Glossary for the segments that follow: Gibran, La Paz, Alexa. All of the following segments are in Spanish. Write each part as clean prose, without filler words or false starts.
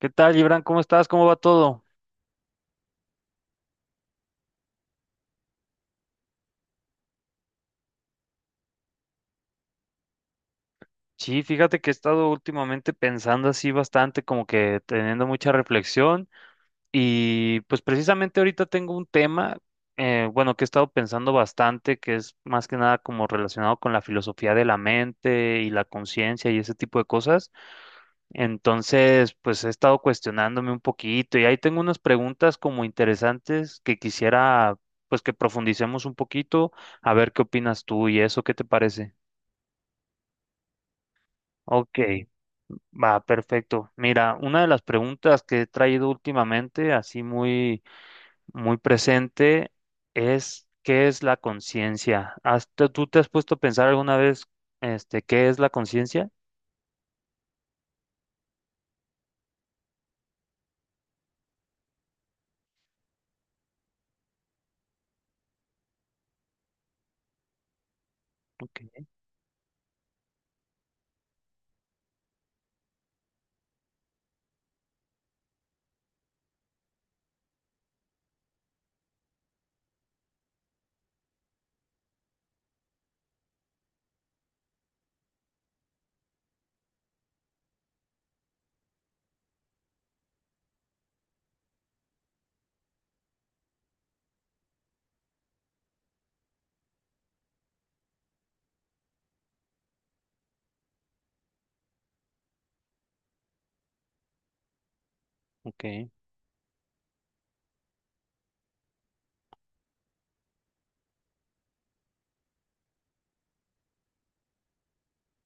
¿Qué tal, Gibran? ¿Cómo estás? ¿Cómo va todo? Sí, fíjate que he estado últimamente pensando así bastante, como que teniendo mucha reflexión y pues precisamente ahorita tengo un tema, bueno, que he estado pensando bastante, que es más que nada como relacionado con la filosofía de la mente y la conciencia y ese tipo de cosas. Entonces, pues he estado cuestionándome un poquito y ahí tengo unas preguntas como interesantes que quisiera pues que profundicemos un poquito, a ver qué opinas tú y eso, ¿qué te parece? Ok, va, perfecto. Mira, una de las preguntas que he traído últimamente, así muy, muy presente, es ¿qué es la conciencia? ¿Tú te has puesto a pensar alguna vez, qué es la conciencia? Ok, ok,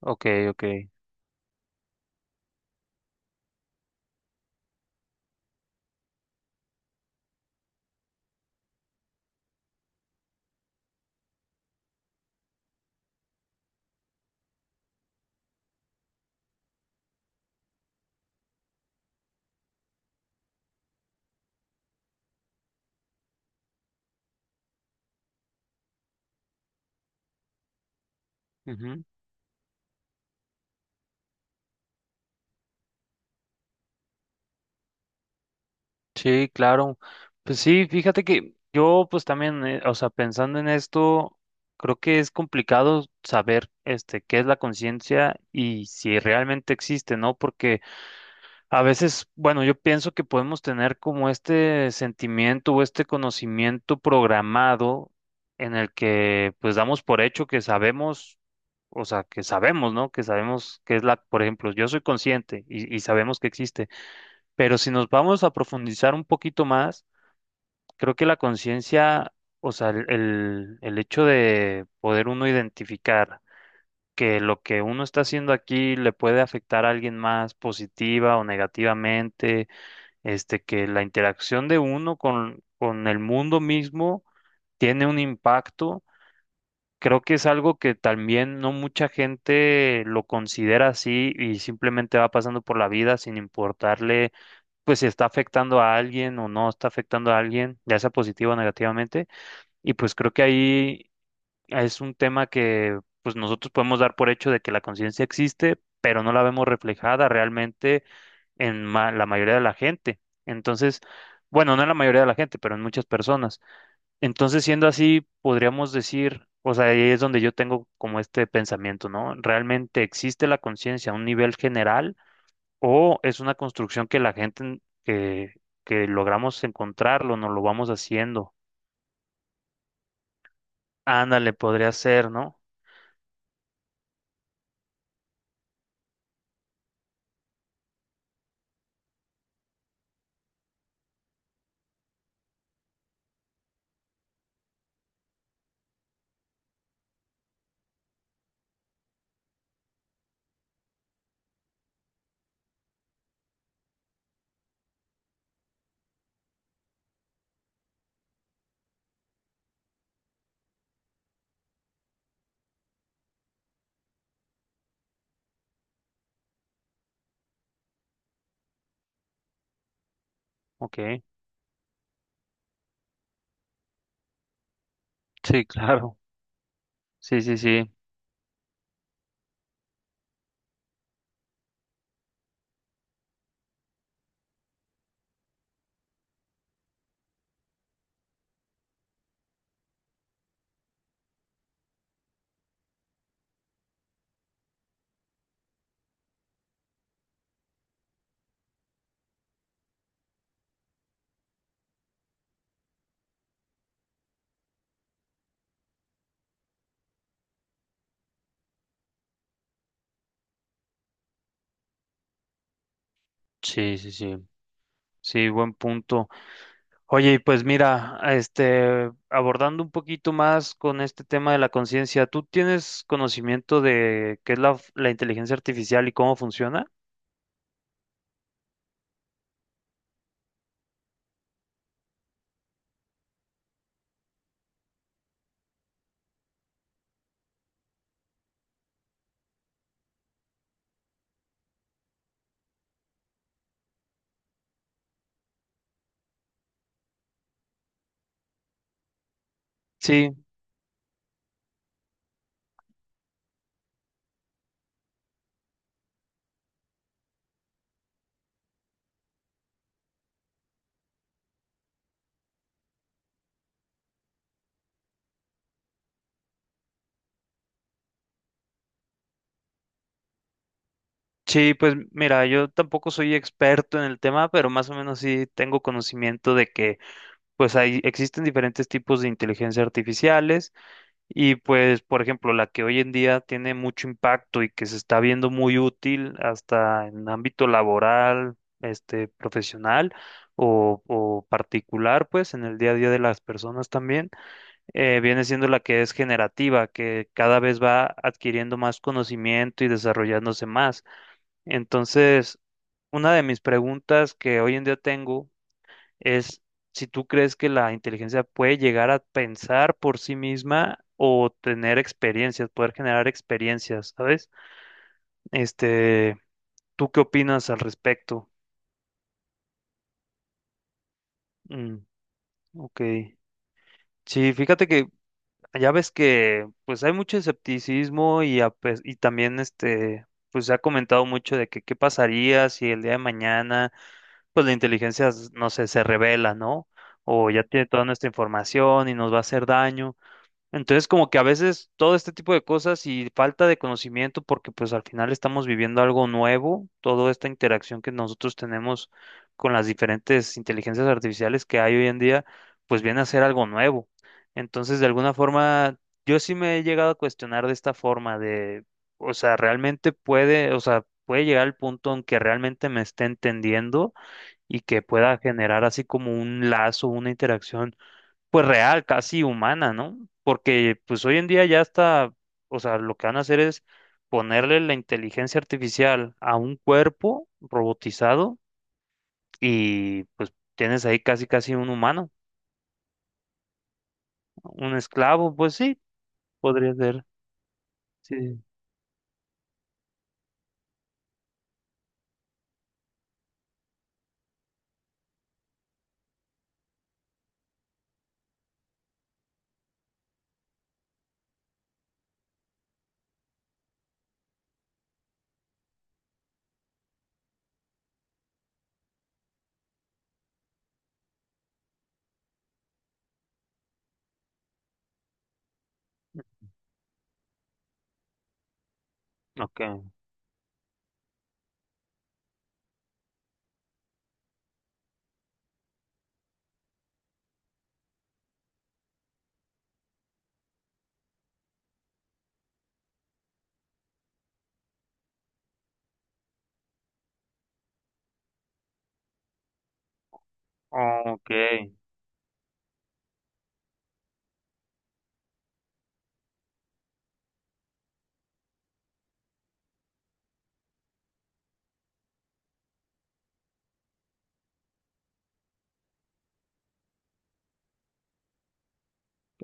ok, ok. Ujú. Sí, claro. Pues sí, fíjate que yo, pues también, o sea, pensando en esto, creo que es complicado saber, qué es la conciencia y si realmente existe, ¿no? Porque a veces, bueno, yo pienso que podemos tener como este sentimiento o este conocimiento programado en el que pues damos por hecho que sabemos, o sea, que sabemos, ¿no? Que sabemos que es la, por ejemplo, yo soy consciente y sabemos que existe, pero si nos vamos a profundizar un poquito más, creo que la conciencia, o sea, el hecho de poder uno identificar que lo que uno está haciendo aquí le puede afectar a alguien más positiva o negativamente, que la interacción de uno con el mundo mismo tiene un impacto. Creo que es algo que también no mucha gente lo considera así y simplemente va pasando por la vida sin importarle, pues si está afectando a alguien o no está afectando a alguien, ya sea positivo o negativamente. Y pues creo que ahí es un tema que pues nosotros podemos dar por hecho de que la conciencia existe, pero no la vemos reflejada realmente en la mayoría de la gente. Entonces, bueno, no en la mayoría de la gente, pero en muchas personas. Entonces, siendo así, podríamos decir, o sea, ahí es donde yo tengo como este pensamiento, ¿no? ¿Realmente existe la conciencia a un nivel general o es una construcción que la gente que logramos encontrarlo, nos lo vamos haciendo? Ándale, podría ser, ¿no? Ok. Sí, claro. Sí, sí, sí. Sí, sí, sí. Sí, buen punto. Oye, y pues mira, abordando un poquito más con este tema de la conciencia, ¿tú tienes conocimiento de qué es la inteligencia artificial y cómo funciona? Sí, sí, pues mira, yo tampoco soy experto en el tema, pero más o menos sí tengo conocimiento de que pues hay, existen diferentes tipos de inteligencia artificiales. Y pues, por ejemplo, la que hoy en día tiene mucho impacto y que se está viendo muy útil hasta en ámbito laboral, profesional o particular, pues en el día a día de las personas también, viene siendo la que es generativa, que cada vez va adquiriendo más conocimiento y desarrollándose más. Entonces, una de mis preguntas que hoy en día tengo es si tú crees que la inteligencia puede llegar a pensar por sí misma o tener experiencias, poder generar experiencias, ¿sabes? Este, ¿Tú qué opinas al respecto? Mm, ok. Sí, fíjate que ya ves que pues hay mucho escepticismo y también, pues se ha comentado mucho de que qué pasaría si el día de mañana pues la inteligencia, no sé, se revela, ¿no? O ya tiene toda nuestra información y nos va a hacer daño. Entonces, como que a veces todo este tipo de cosas y falta de conocimiento, porque pues al final estamos viviendo algo nuevo, toda esta interacción que nosotros tenemos con las diferentes inteligencias artificiales que hay hoy en día, pues viene a ser algo nuevo. Entonces, de alguna forma, yo sí me he llegado a cuestionar de esta forma de, o sea, realmente puede, o sea, puede llegar al punto en que realmente me esté entendiendo y que pueda generar así como un lazo, una interacción pues real, casi humana, ¿no? Porque pues hoy en día ya está, o sea, lo que van a hacer es ponerle la inteligencia artificial a un cuerpo robotizado y pues tienes ahí casi casi un humano, un esclavo, pues sí, podría ser. Sí. Ok. Ok.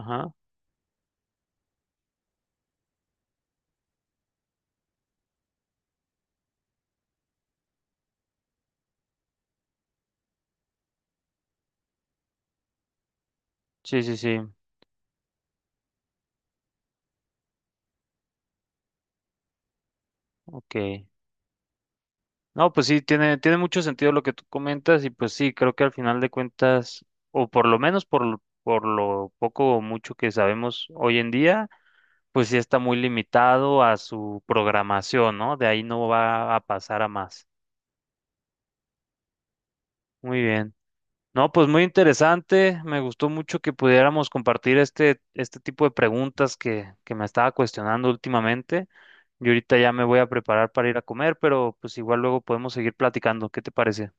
Ajá. Sí, sí, sí. Ok. No, pues sí, tiene mucho sentido lo que tú comentas y pues sí, creo que al final de cuentas, o por lo menos por, por lo poco o mucho que sabemos hoy en día, pues sí está muy limitado a su programación, ¿no? De ahí no va a pasar a más. Muy bien. No, pues muy interesante. Me gustó mucho que pudiéramos compartir este tipo de preguntas que me estaba cuestionando últimamente. Yo ahorita ya me voy a preparar para ir a comer, pero pues igual luego podemos seguir platicando. ¿Qué te parece?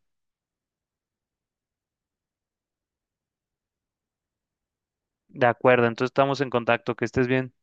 De acuerdo, entonces estamos en contacto. Que estés bien.